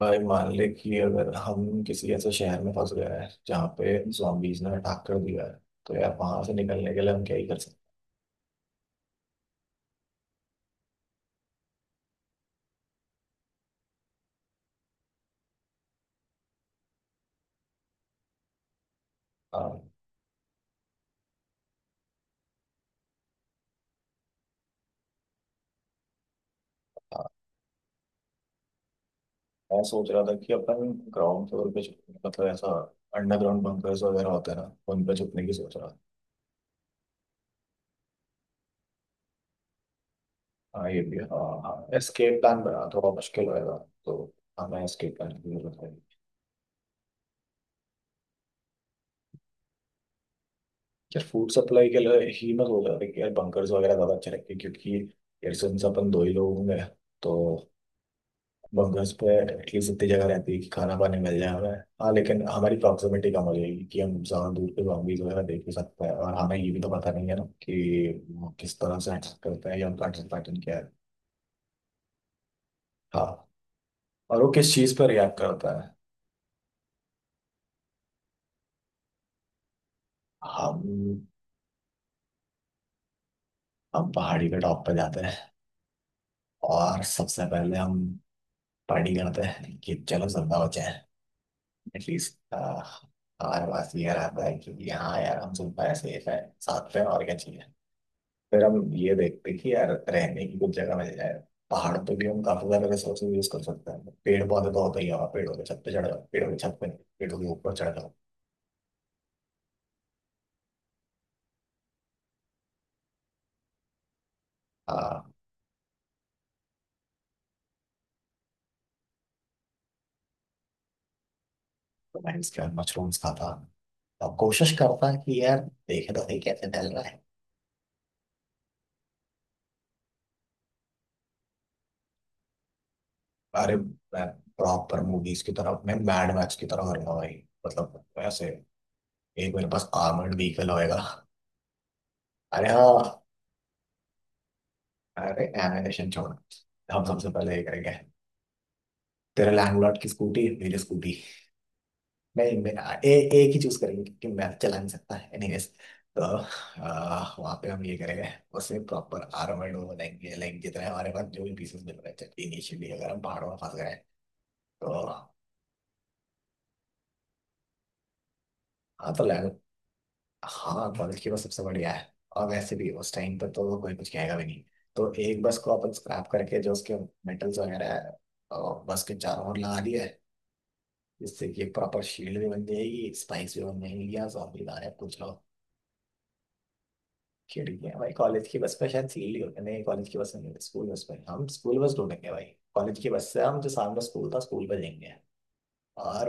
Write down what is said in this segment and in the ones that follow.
भाई मान ले कि अगर हम किसी ऐसे शहर में फंस गए हैं जहाँ पे zombies ने अटैक कर दिया है, तो यार वहां से निकलने के लिए हम क्या ही कर सकते हैं। हाँ, हाँ, मैं सोच रहा था कि अपन ग्राउंड फ्लोर पे मतलब ऐसा अंडरग्राउंड बंकर्स वगैरह होते हैं ना, उन पे छुपने की सोच रहा था। हाँ ये भी है। हाँ हाँ, एस्केप प्लान बना थोड़ा मुश्किल होएगा। तो हमें एस्केप प्लान की जरूरत है। यार फूड सप्लाई के लिए ही मैं सोच रहा था कि यार बंकर्स वगैरह ज़्यादा अच्छे रहेंगे, क्योंकि यार सिंस अपन दो ही लोग होंगे, तो बस घर पे एटलीस्ट इतनी जगह रहती है कि खाना पानी मिल जाए हमें। हाँ, लेकिन हमारी प्रॉक्सिमिटी कम हो जाएगी कि हम ज्यादा दूर पे zombies वगैरह देख भी सकते हैं, और हमें ये भी तो पता नहीं है ना कि वो किस तरह से एक्ट करता है या उनका एक्शन पैटर्न क्या है। हाँ, और वो किस चीज पर रिएक्ट करता है। हम हम पहाड़ी के टॉप पर जाते हैं, और सबसे पहले हम पार्टी करते हैं कि चलो जिंदा बचे हैं। एटलीस्ट हमारे पास ये रहता है कि हाँ यार, हम जिंदा है, सेफ है, साथ में, और क्या चाहिए। फिर हम ये देखते कि यार रहने की कुछ जगह मिल जाए। पहाड़ पे भी हम काफी सारे रिसोर्स यूज कर सकते हैं, पेड़ पौधे तो होते ही हैं वहाँ, पेड़ों के छत पे चढ़ जाओ, पेड़ों की छत पे नहीं, पेड़ों के ऊपर चढ़ जाओ। हाँ, तो मैं इसके बाद मशरूम्स खाता, अब कोशिश करता कि यार देखे तो सही कैसे ढल रहा है। अरे मैं प्रॉपर मूवीज की तरफ, मैं मैड मैक्स की तरफ करूंगा भाई। मतलब वैसे एक मेरे पास आर्मर्ड व्हीकल होएगा। अरे हाँ। अरे एनिमेशन छोड़, हम सबसे पहले ये करेंगे, तेरे लैंडलॉर्ड की स्कूटी मेरी स्कूटी। नहीं मैं, ए, एक ही चूज करेंगे क्योंकि मैप चला नहीं सकता है एनीवेज। तो वहाँ पे हम ये करेंगे, उसमें प्रॉपर आर्मर्ड हो जाएंगे, लाइक जितने हमारे पास जो भी पीसेस मिल रहे थे इनिशियली, अगर हम पहाड़ों में फंस गए तो। हाँ तो लैंड, हाँ बल्कि की वो सबसे बढ़िया है, और वैसे भी उस टाइम पर तो कोई कुछ कहेगा भी नहीं। तो एक बस को अपन स्क्रैप करके जो उसके मेटल्स वगैरह है और बस के चारों ओर लगा दिया है, जिससे कि प्रॉपर शील्ड भी बन जाएगी, स्पाइस भी बन जाएगी, या जॉम्बी आ रहे हैं, पूछ लो। खिड़की है भाई कॉलेज की बस पे शायद सील्ड ही होते हैं। नहीं, कॉलेज की बस में नहीं होती, स्कूल बस पे। हम स्कूल बस ढूंढेंगे भाई। कॉलेज की बस से हम जो सामने स्कूल था, स्कूल पे जाएंगे। और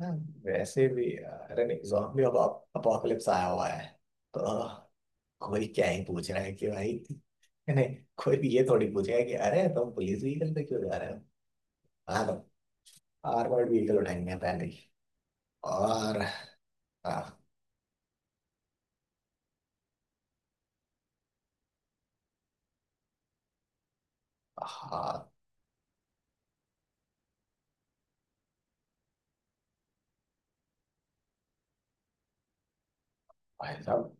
हाँ, वैसे भी अरे नहीं, जॉम्बी अब अपोकलिप्स आया हुआ है, तो कोई क्या ही पूछ रहा है कि भाई नहीं, कोई भी ये थोड़ी पूछेगा कि अरे तुम पुलिस व्हीकल पे क्यों जा रहे हो। हाँ तुम, आर्मर्ड व्हीकल उठाएंगे पहले ही। और हाँ। हाँ, भाई साहब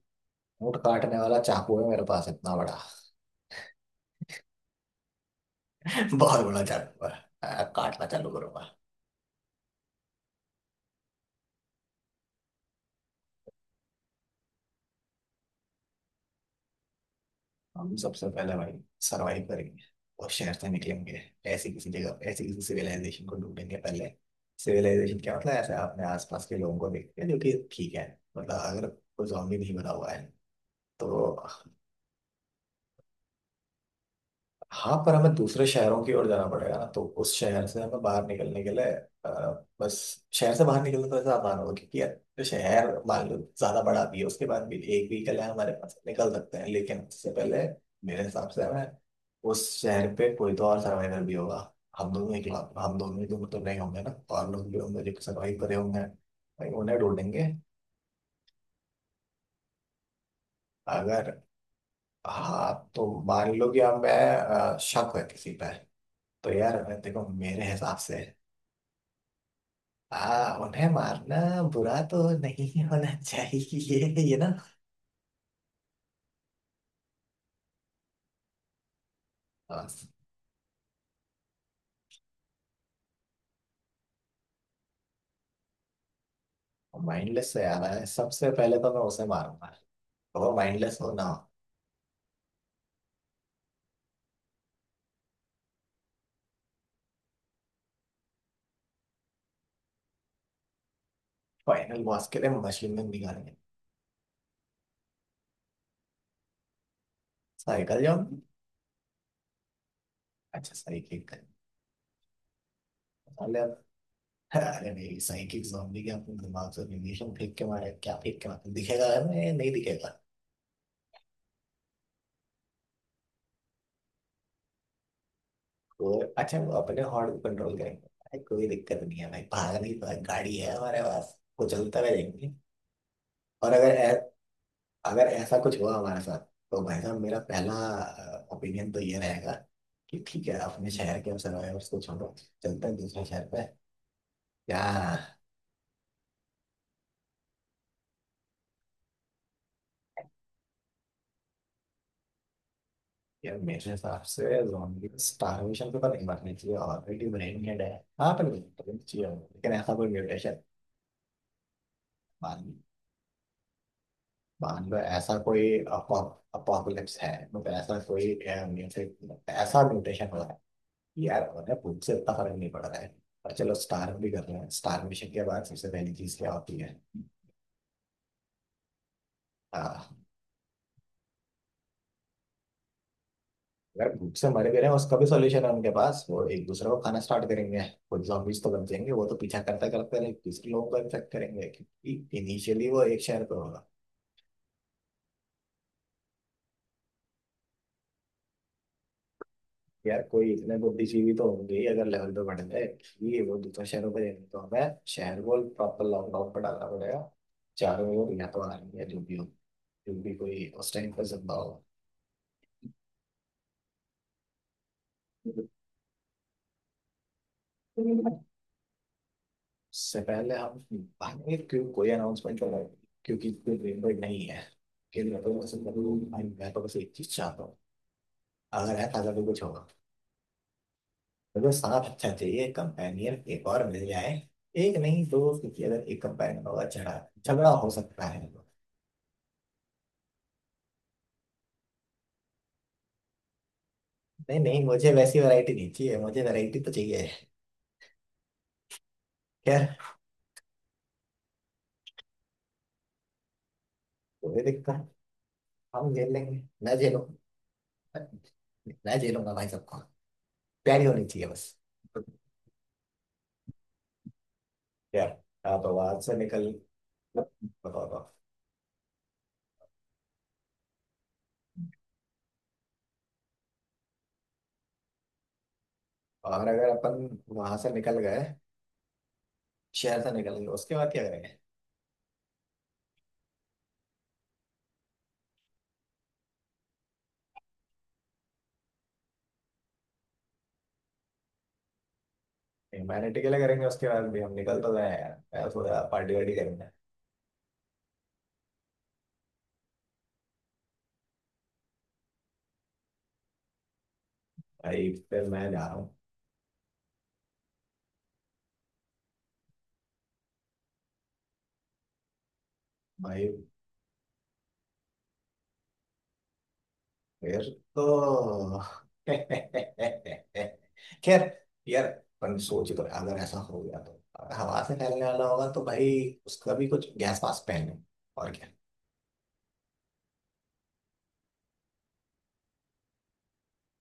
ऊँट काटने वाला चाकू है मेरे पास इतना बड़ा, बहुत बड़ा जानवर। काटना चालू करूंगा। हम सबसे पहले भाई सरवाइव करेंगे, और शहर से निकलेंगे। ऐसी किसी जगह, ऐसी किसी सिविलाइजेशन को ढूंढेंगे पहले। सिविलाइजेशन क्या मतलब ऐसे अपने आसपास के लोगों को देखते हैं जो कि ठीक है, मतलब अगर कोई जॉम्बी नहीं बना हुआ है तो। हाँ पर हमें दूसरे शहरों की ओर जाना पड़ेगा ना, तो उस शहर से हमें बाहर निकलने के लिए, बस शहर से बाहर निकलने तो ऐसा आसान होगा क्योंकि यार शहर मान लो ज्यादा बड़ा भी है, उसके बाद भी एक व्हीकल है हमारे पास, निकल सकते हैं। लेकिन उससे पहले मेरे हिसाब से हमें, उस शहर पे कोई तो और सर्वाइवर भी होगा। हम दोनों ही, दोनों तो नहीं होंगे ना, और लोग भी होंगे जो सर्वाइव करे होंगे। भाई उन्हें ढूंढेंगे। अगर, हाँ तो मान लो कि अब मैं, शक है किसी पर, तो यार देखो मेरे हिसाब से हाँ, उन्हें मारना बुरा तो नहीं होना चाहिए ये ना। माइंडलेस से आ रहा है, सबसे पहले तो मैं उसे मारूंगा, तो वो माइंडलेस हो ना हो। फाइनल बॉस के लिए मशीन में निकालेंगे। Cycle zombie? अच्छा साइकिल कर, अरे अरे नहीं, साइकिल जॉम्बी के अपने दिमाग से रेडिएशन फेंक के मारे, क्या फेंक के मारे दिखेगा, मैं नहीं दिखेगा। तो अच्छा वो अपने हॉर्न को कंट्रोल करेंगे भाई, कोई दिक्कत नहीं है भाई, भागने की गाड़ी है हमारे पास, वो चलता रहेंगे। और अगर, ऐसा कुछ हुआ हमारे साथ तो भाई साहब मेरा पहला ओपिनियन तो ये रहेगा कि ठीक है, अपने शहर के सर्वाइवर्स को छोड़ो, चलते हैं दूसरे शहर पे। क्या? यार मेरे हिसाब से जोम्बी स्टारवेशन पे तो नहीं मरनी चाहिए, ऑलरेडी ब्रेन डेड है। हाँ पर मरनी चाहिए उनको। लेकिन ऐसा कोई म्यूटेशन, मान मान लो ऐसा कोई अपोकलिप्स है, मतलब ऐसा कोई म्यूटेशन, ऐसा म्यूटेशन हो, यार मतलब मुझसे इतना फर्क नहीं पड़ रहा है। पर चलो स्टार भी कर रहे हैं, स्टार मिशन के बाद सबसे पहली चीज क्या होती है। हाँ, अगर भूख से मर गए हैं, उसका भी सोल्यूशन है उनके पास, वो एक दूसरे को खाना स्टार्ट करेंगे। खुद zombies तो बन जाएंगे, वो तो पीछा करते करते लाइक दूसरे लोगों को इन्फेक्ट करेंगे क्योंकि इनिशियली वो एक शहर पे होगा। यार कोई इतने बुद्धिजीवी तो होंगे ही, अगर लेवल पे बढ़ जाए कि वो दूसरे शहरों पे जाएंगे, तो हमें शहर को प्रॉपर लॉकडाउन पर डालना पड़ेगा। चारों ओर या तो आर्मी या जो भी हो, जो भी कोई उस टाइम पर जिंदा हो। उससे पहले हम भागेंगे क्यों, कोई अनाउंसमेंट कर रहा है क्योंकि कोई ब्रेन ब्रेक नहीं है। कि मैं तो बस, मैं तो बस एक चीज चाहता हूँ, अगर है ताजा तो कुछ होगा। मुझे साथ अच्छा चाहिए, कंपेनियन एक और मिल जाए। एक नहीं दो, क्योंकि अगर एक कंपेनियन होगा झगड़ा झगड़ा हो सकता है। नहीं नहीं, मुझे वैसी वैरायटी नहीं चाहिए, मुझे वैरायटी तो चाहिए। खैर, कोई दिक्कत नहीं, हम झेल लेंगे, मैं झेलूंगा। मैं झेलूंगा भाई सबको, प्यारी होनी चाहिए बस। यार आप आवाज से निकल, बताओ, बताओ। और अगर अपन वहां से निकल गए, शहर से निकल गए, उसके बाद क्या करेंगे। ह्यूमैनिटी के लिए करेंगे उसके बाद भी, हम निकल तो गए हैं यार, यार थोड़ा पार्टी वार्टी करेंगे। भाई फिर मैं जा रहा हूँ। भाई फिर तो खैर, यार अपन सोच, तो अगर ऐसा हो गया, तो अगर हवा से फैलने वाला होगा तो भाई, उसका भी कुछ गैस मास्क पहने, और क्या।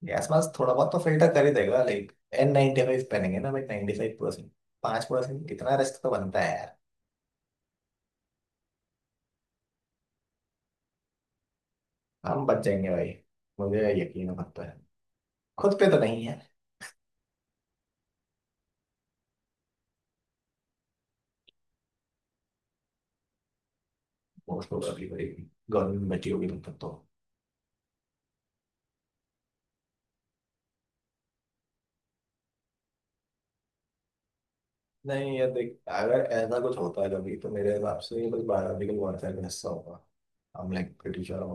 गैस मास्क थोड़ा बहुत तो फिल्टर कर ही देगा, लाइक N95 पहनेंगे ना भाई, 95%। 5% कितना रिस्क तो बनता है यार। हम बच जाएंगे भाई, मुझे यकीन पड़ता है। खुद पे तो नहीं है। वो तो अभी भाई गवर्नमेंट बची होगी तब तक तो। नहीं यार देख, अगर ऐसा कुछ होता है कभी, तो मेरे हिसाब से ये बस बायोलॉजिकल वॉरफेयर का हिस्सा होगा। हम लाइक ब्रिटिश और,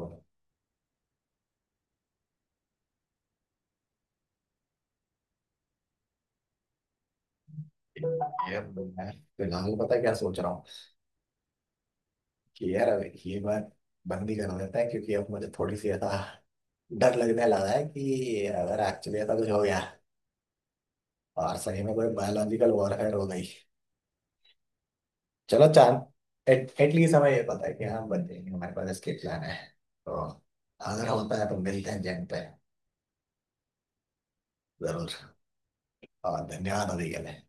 यार मैं फिलहाल पता है क्या सोच रहा हूँ, कि यार अब ये बात बंद ही कर देते हैं, क्योंकि अब मुझे थोड़ी सी ऐसा डर लगने लगा है, कि अगर एक्चुअली ऐसा कुछ हो गया और सही में कोई बायोलॉजिकल वॉरफेयर हो गई। चलो चांद, एट एटलीस्ट हमें ये पता है कि हम बच जाएंगे, हमारे पास एस्केप प्लान है, तो अगर होता है तो मिलते हैं जैन पे। जरूर। और धन्यवाद अभी के लिए।